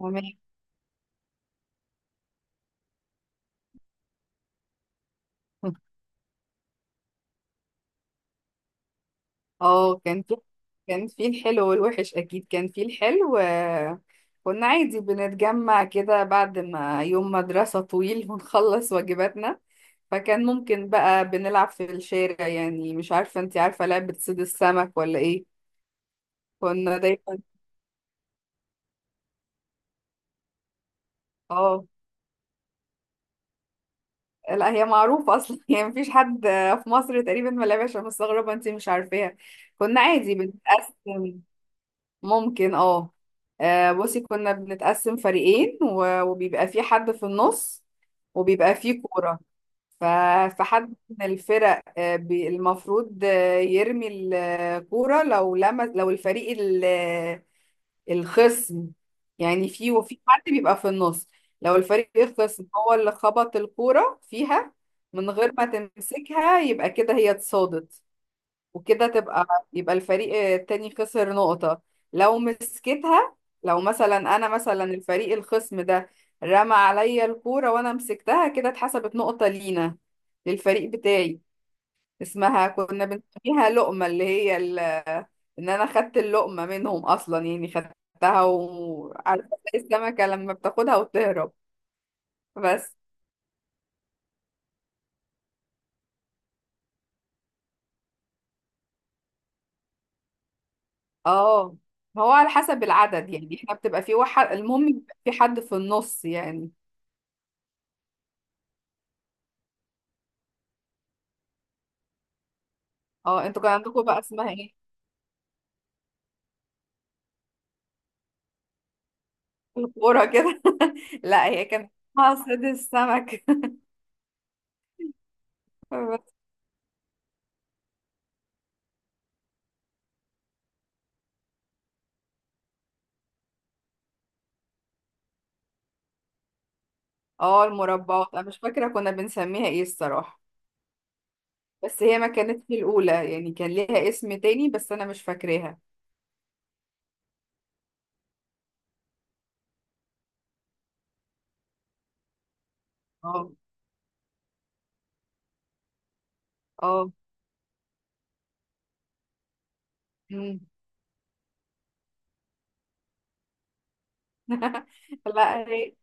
عمر. اه، كان في الحلو والوحش، اكيد كان في الحلو، كنا عادي بنتجمع كده بعد ما يوم مدرسة طويل ونخلص واجباتنا. فكان ممكن بقى بنلعب في الشارع، يعني مش عارفة، انتي عارفة لعبة صيد السمك ولا ايه؟ كنا دايما. اه، لا هي معروفة اصلا يعني مفيش حد في مصر تقريبا ما لعبهاش، أنا مستغربة انتي مش عارفاها. كنا عادي بنتقسم، ممكن، اه. بصي، كنا بنتقسم فريقين وبيبقى في حد في النص، وبيبقى في كورة. ف- فحد من الفرق، المفروض يرمي الكورة. لو لمس، لو الفريق الخصم، يعني في، وفي حد بيبقى في النص. لو الفريق الخصم هو اللي خبط الكورة فيها من غير ما تمسكها، يبقى كده هي اتصادت. وكده يبقى الفريق التاني خسر نقطة. لو مسكتها، لو مثلا انا، مثلا الفريق الخصم ده رمى عليا الكورة وانا مسكتها، كده اتحسبت نقطة لينا، للفريق بتاعي. اسمها كنا بنسميها لقمة، اللي هي ان انا خدت اللقمة منهم اصلا، يعني خدتها وعارفة، زي السمكة لما بتاخدها وتهرب. بس. اه، هو على حسب العدد، يعني احنا بتبقى في واحد، المهم يبقى في حد في النص يعني. اه، انتوا كان عندكم بقى اسمها ايه؟ الكورة كده. لا، هي كانت اسمها صيد السمك بس. اه، المربعات انا مش فاكرة كنا بنسميها ايه الصراحة، بس هي ما كانتش الأولى يعني، كان ليها اسم تاني بس انا مش فاكراها. اه، اه، مم. لا هي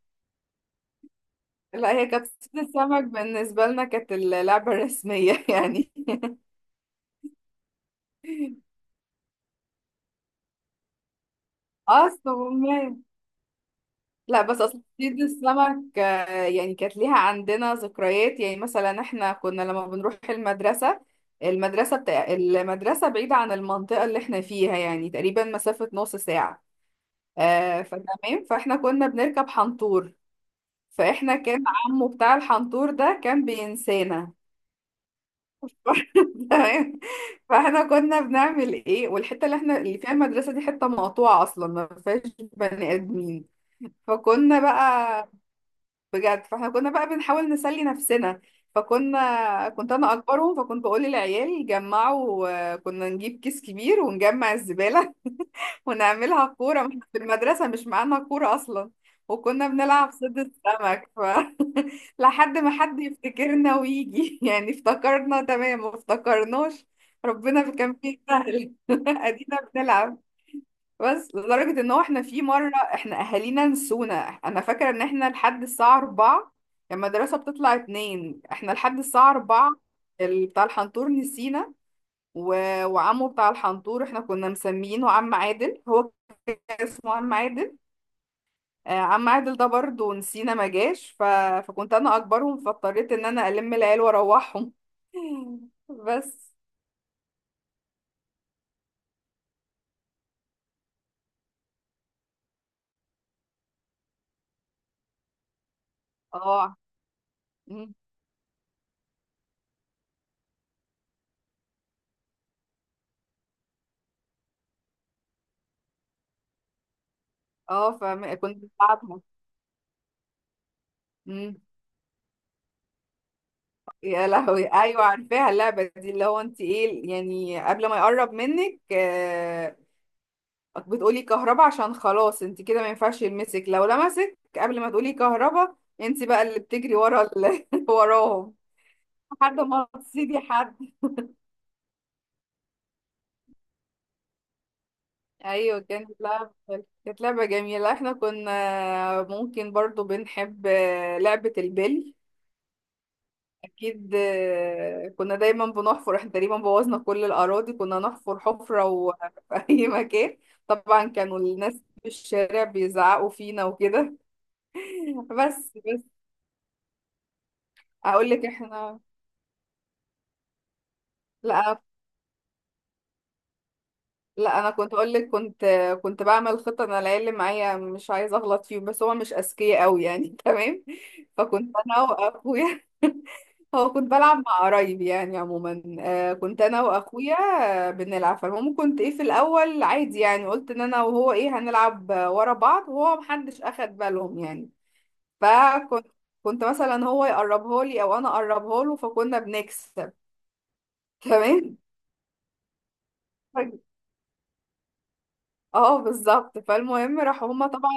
لا هي كانت صيد السمك بالنسبة لنا، كانت اللعبة الرسمية يعني. اصلا، لا، بس اصل صيد السمك، يعني كانت ليها عندنا ذكريات، يعني مثلا احنا كنا لما بنروح المدرسة، المدرسة بتاع المدرسة بعيدة عن المنطقة اللي احنا فيها، يعني تقريبا مسافة نص ساعة. فتمام، فاحنا كنا بنركب حنطور. فاحنا كان عمو بتاع الحنطور ده كان بينسانا. تمام. فاحنا كنا بنعمل ايه، والحتة اللي احنا اللي فيها المدرسة دي حتة مقطوعة اصلا ما فيهاش بني ادمين. فكنا بقى، بجد فاحنا كنا بقى بنحاول نسلي نفسنا. فكنا، كنت انا اكبرهم، فكنت بقول للعيال جمعوا. كنا نجيب كيس كبير ونجمع الزبالة ونعملها كورة، ما إحنا في المدرسة مش معانا كورة اصلا. وكنا بنلعب صيد السمك. لحد ما حد يفتكرنا ويجي يعني افتكرنا تمام ما افتكرناش. ربنا كان فيه سهل ادينا بنلعب. بس لدرجة ان هو احنا في مرة احنا اهالينا نسونا. انا فاكرة ان احنا لحد الساعة 4، لما المدرسة بتطلع 2 احنا لحد الساعة 4. بتاع الحنطور نسينا. و... وعمه بتاع الحنطور احنا كنا مسمينه عم عادل. هو كان اسمه عم عادل. عم عادل ده برضه نسينا ما جاش. فكنت انا اكبرهم، فاضطريت ان انا الم العيال واروحهم. بس. اه، مم. اه، فكنت بتعبهم. يا لهوي! ايوه عارفاها اللعبه دي، اللي هو انت ايه، يعني قبل ما يقرب منك، بتقولي كهربا، عشان خلاص انت كده ما ينفعش يلمسك. لو لمسك قبل ما تقولي كهربا، انت بقى اللي بتجري ورا وراهم، لحد ما تصيدي حد. ايوه، كانت لعبه جميله. احنا كنا ممكن برضو بنحب، لعبه البلي اكيد. كنا دايما بنحفر، احنا تقريبا بوظنا كل الاراضي، كنا نحفر حفره وفي اي مكان. طبعا كانوا الناس في الشارع بيزعقوا فينا وكده. بس اقول لك احنا، لا. لا، انا كنت اقول لك، كنت بعمل خطه. انا العيال اللي معايا مش عايزه اغلط فيهم، بس هما مش اذكياء قوي يعني تمام، فكنت انا واخويا هو، كنت بلعب مع قرايب يعني عموما، آه كنت انا واخويا آه بنلعب. فالمهم، كنت ايه، في الاول عادي يعني، قلت ان انا وهو ايه، هنلعب ورا بعض، وهو محدش اخد بالهم يعني. فكنت كنت مثلا هو يقربها لي او انا اقربها له، فكنا بنكسب تمام. ف- اه بالظبط. فالمهم راحوا هما طبعا،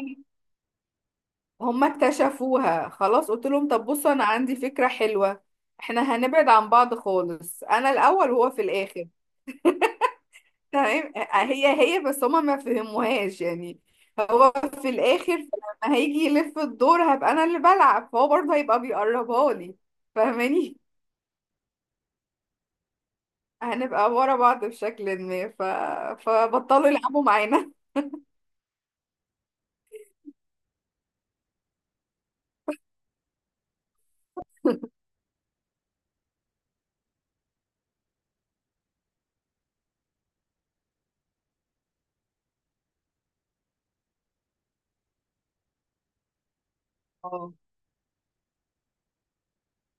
هما اكتشفوها خلاص. قلت لهم طب بصوا، انا عندي فكرة حلوة. احنا هنبعد عن بعض خالص، انا الاول وهو في الاخر. تمام، هي بس هما ما فهموهاش يعني. هو في الاخر لما هيجي يلف الدور، هبقى انا اللي بلعب، فهو برضه هيبقى بيقربها لي. فاهماني؟ هنبقى ورا بعض بشكل ما. فبطلوا يلعبوا معانا. اه،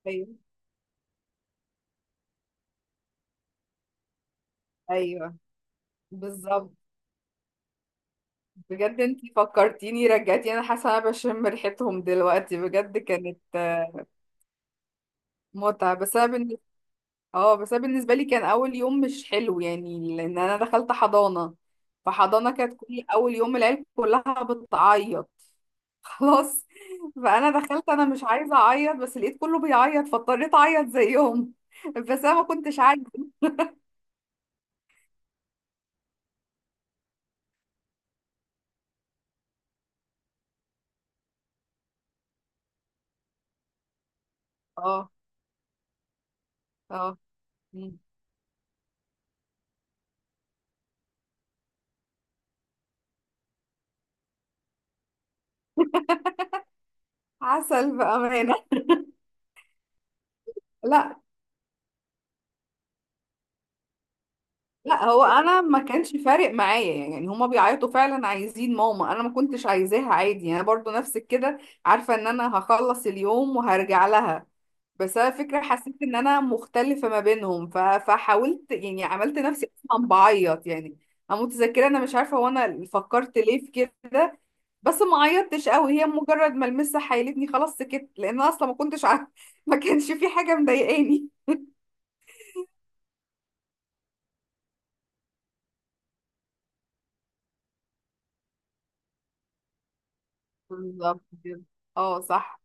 ايوه، ايوه، بالظبط. بجد انتي فكرتيني، رجعتي انا، حاسه انا بشم ريحتهم دلوقتي، بجد كانت متعه. بس انا، اه، بس أنا بالنسبه لي كان اول يوم مش حلو يعني، لان انا دخلت حضانه. فحضانه كانت كل اول يوم العيال كلها بتعيط خلاص، فانا دخلت انا مش عايزه اعيط، بس لقيت كله بيعيط، فاضطريت اعيط زيهم بس انا ما كنتش عايزه. اه، اه، مم. عسل بامانه. لا، لا، هو انا ما كانش فارق معايا يعني. هما بيعيطوا فعلا عايزين ماما، انا ما كنتش عايزاها عادي، انا برضو نفس كده. عارفه ان انا هخلص اليوم وهرجع لها. بس انا فكرة حسيت ان انا مختلفة ما بينهم. فحاولت، يعني عملت نفسي اصلا بعيط يعني. انا متذكرة، انا مش عارفة، وانا فكرت ليه في كده، بس ما عيطتش قوي. هي مجرد ما المسة حيلتني خلاص سكت، لان أنا اصلا ما كنتش عارفة ما كانش في حاجة مضايقاني. بالظبط كده اه صح.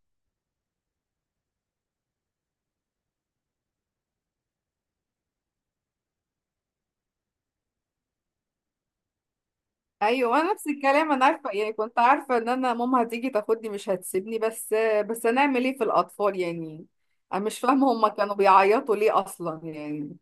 ايوه، انا نفس الكلام. انا عارفه، يعني كنت عارفه ان انا ماما هتيجي تاخدني مش هتسيبني. بس هنعمل ايه في الاطفال يعني. انا مش فاهمه هما كانوا بيعيطوا ليه اصلا يعني،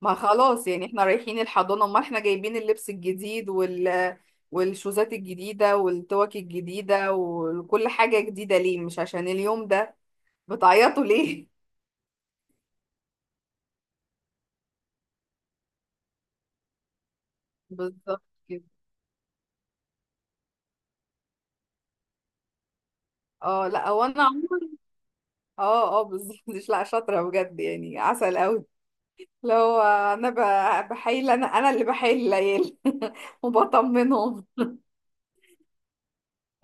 ما خلاص يعني احنا رايحين الحضانة. امال احنا جايبين اللبس الجديد والشوزات الجديدة والتوك الجديدة وكل حاجة جديدة ليه، مش عشان اليوم ده؟ بتعيطوا ليه؟ بالظبط كده. اه، لا، هو انا عمري. اه، اه، بالظبط. مش، لا، شاطرة بجد يعني، عسل قوي. لو انا بحايل، انا اللي بحايل العيال وبطمنهم.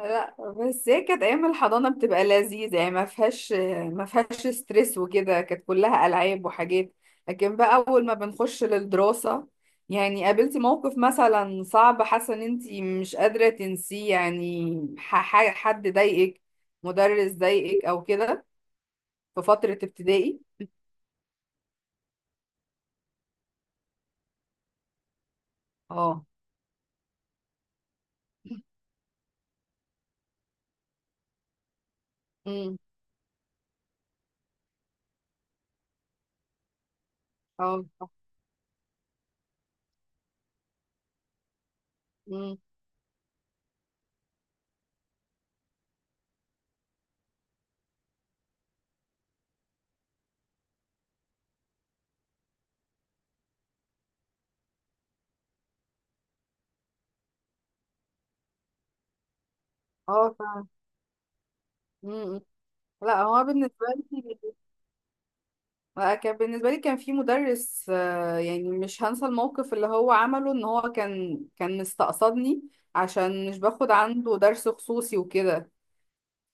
لا، بس هي كانت ايام الحضانه بتبقى لذيذه يعني، ما فيهاش ستريس وكده، كانت كلها العاب وحاجات. لكن بقى اول ما بنخش للدراسه، يعني قابلتي موقف مثلا صعب حاسه ان انت مش قادره تنسيه يعني؟ حد ضايقك، مدرس ضايقك او كده، في فتره ابتدائي. اه، امم، اه، امم، اه، فعلا. امم. لا، هو بالنسبه لي، كان بالنسبة لي كان في مدرس، يعني مش هنسى الموقف اللي هو عمله. ان هو كان مستقصدني، عشان مش باخد عنده درس خصوصي وكده.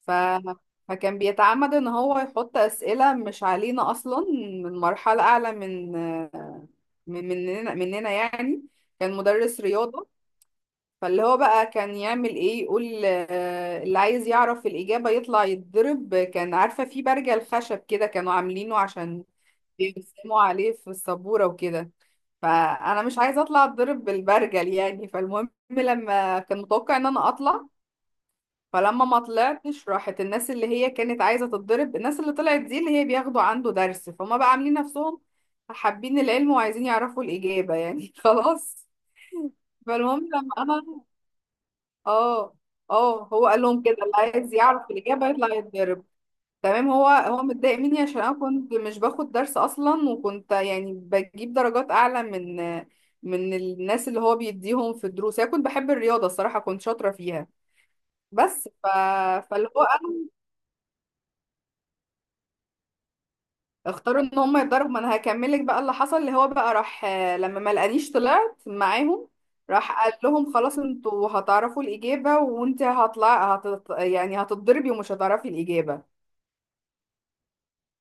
ف فكان بيتعمد ان هو يحط اسئلة مش علينا اصلا، من مرحلة اعلى من، من مننا يعني. كان مدرس رياضة. فاللي هو بقى كان يعمل ايه، يقول اللي عايز يعرف الإجابة يطلع يتضرب. كان، عارفة، في برجل خشب كده كانوا عاملينه، عشان بيرسموا عليه في السبورة وكده. فأنا مش عايزة أطلع أتضرب بالبرجل يعني. فالمهم لما كان متوقع إن أنا أطلع، فلما ما طلعتش، راحت الناس اللي هي كانت عايزة تتضرب، الناس اللي طلعت دي اللي هي بياخدوا عنده درس، فهم بقى عاملين نفسهم حابين العلم وعايزين يعرفوا الإجابة يعني خلاص. فالمهم لما أنا، اه، اه، هو قال لهم كده، اللي عايز يعرف الإجابة يطلع يتضرب. تمام. هو متضايق مني، عشان انا كنت مش باخد درس اصلا، وكنت يعني بجيب درجات اعلى من الناس اللي هو بيديهم في الدروس. انا كنت بحب الرياضه الصراحه، كنت شاطره فيها. بس. فاللي هو انا، اختاروا ان هم يتضربوا. ما انا هكملك بقى اللي حصل، اللي هو بقى راح، لما ما لقانيش طلعت معاهم، راح قال لهم خلاص انتوا هتعرفوا الاجابه، وانت هطلع يعني هتتضربي ومش هتعرفي الاجابه.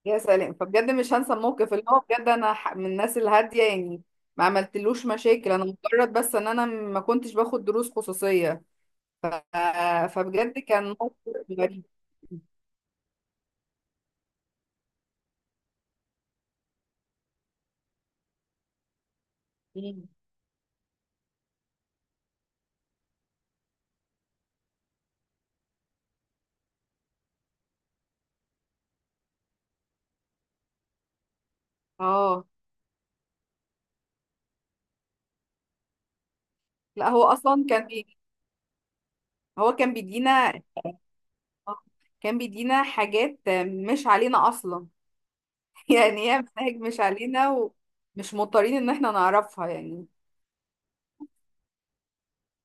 يا سلام. فبجد مش هنسى الموقف، اللي هو بجد انا من الناس الهاديه يعني، ما عملتلوش مشاكل، انا مجرد بس ان انا ما كنتش باخد دروس خصوصيه. فبجد كان موقف غريب. مم. اه، لا، هو اصلا كان هو كان بيدينا، آه، كان بيدينا حاجات مش علينا اصلا يعني هي مناهج مش علينا، ومش مضطرين ان احنا نعرفها يعني.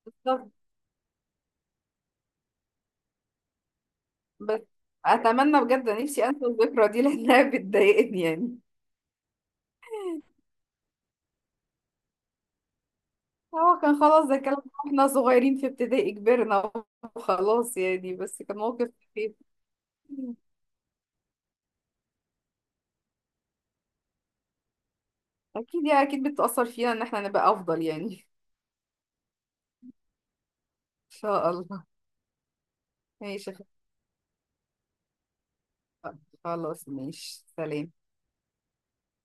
بالظبط. بس اتمنى بجد، نفسي انسى الذكرى دي لانها بتضايقني يعني. هو كان خلاص ده كلام واحنا صغيرين في ابتدائي، كبرنا وخلاص يعني. بس كان موقف خفيف. اكيد يعني، اكيد بتأثر فينا ان احنا نبقى افضل يعني ان شاء الله. ماشي. خلاص، ماشي، سلام.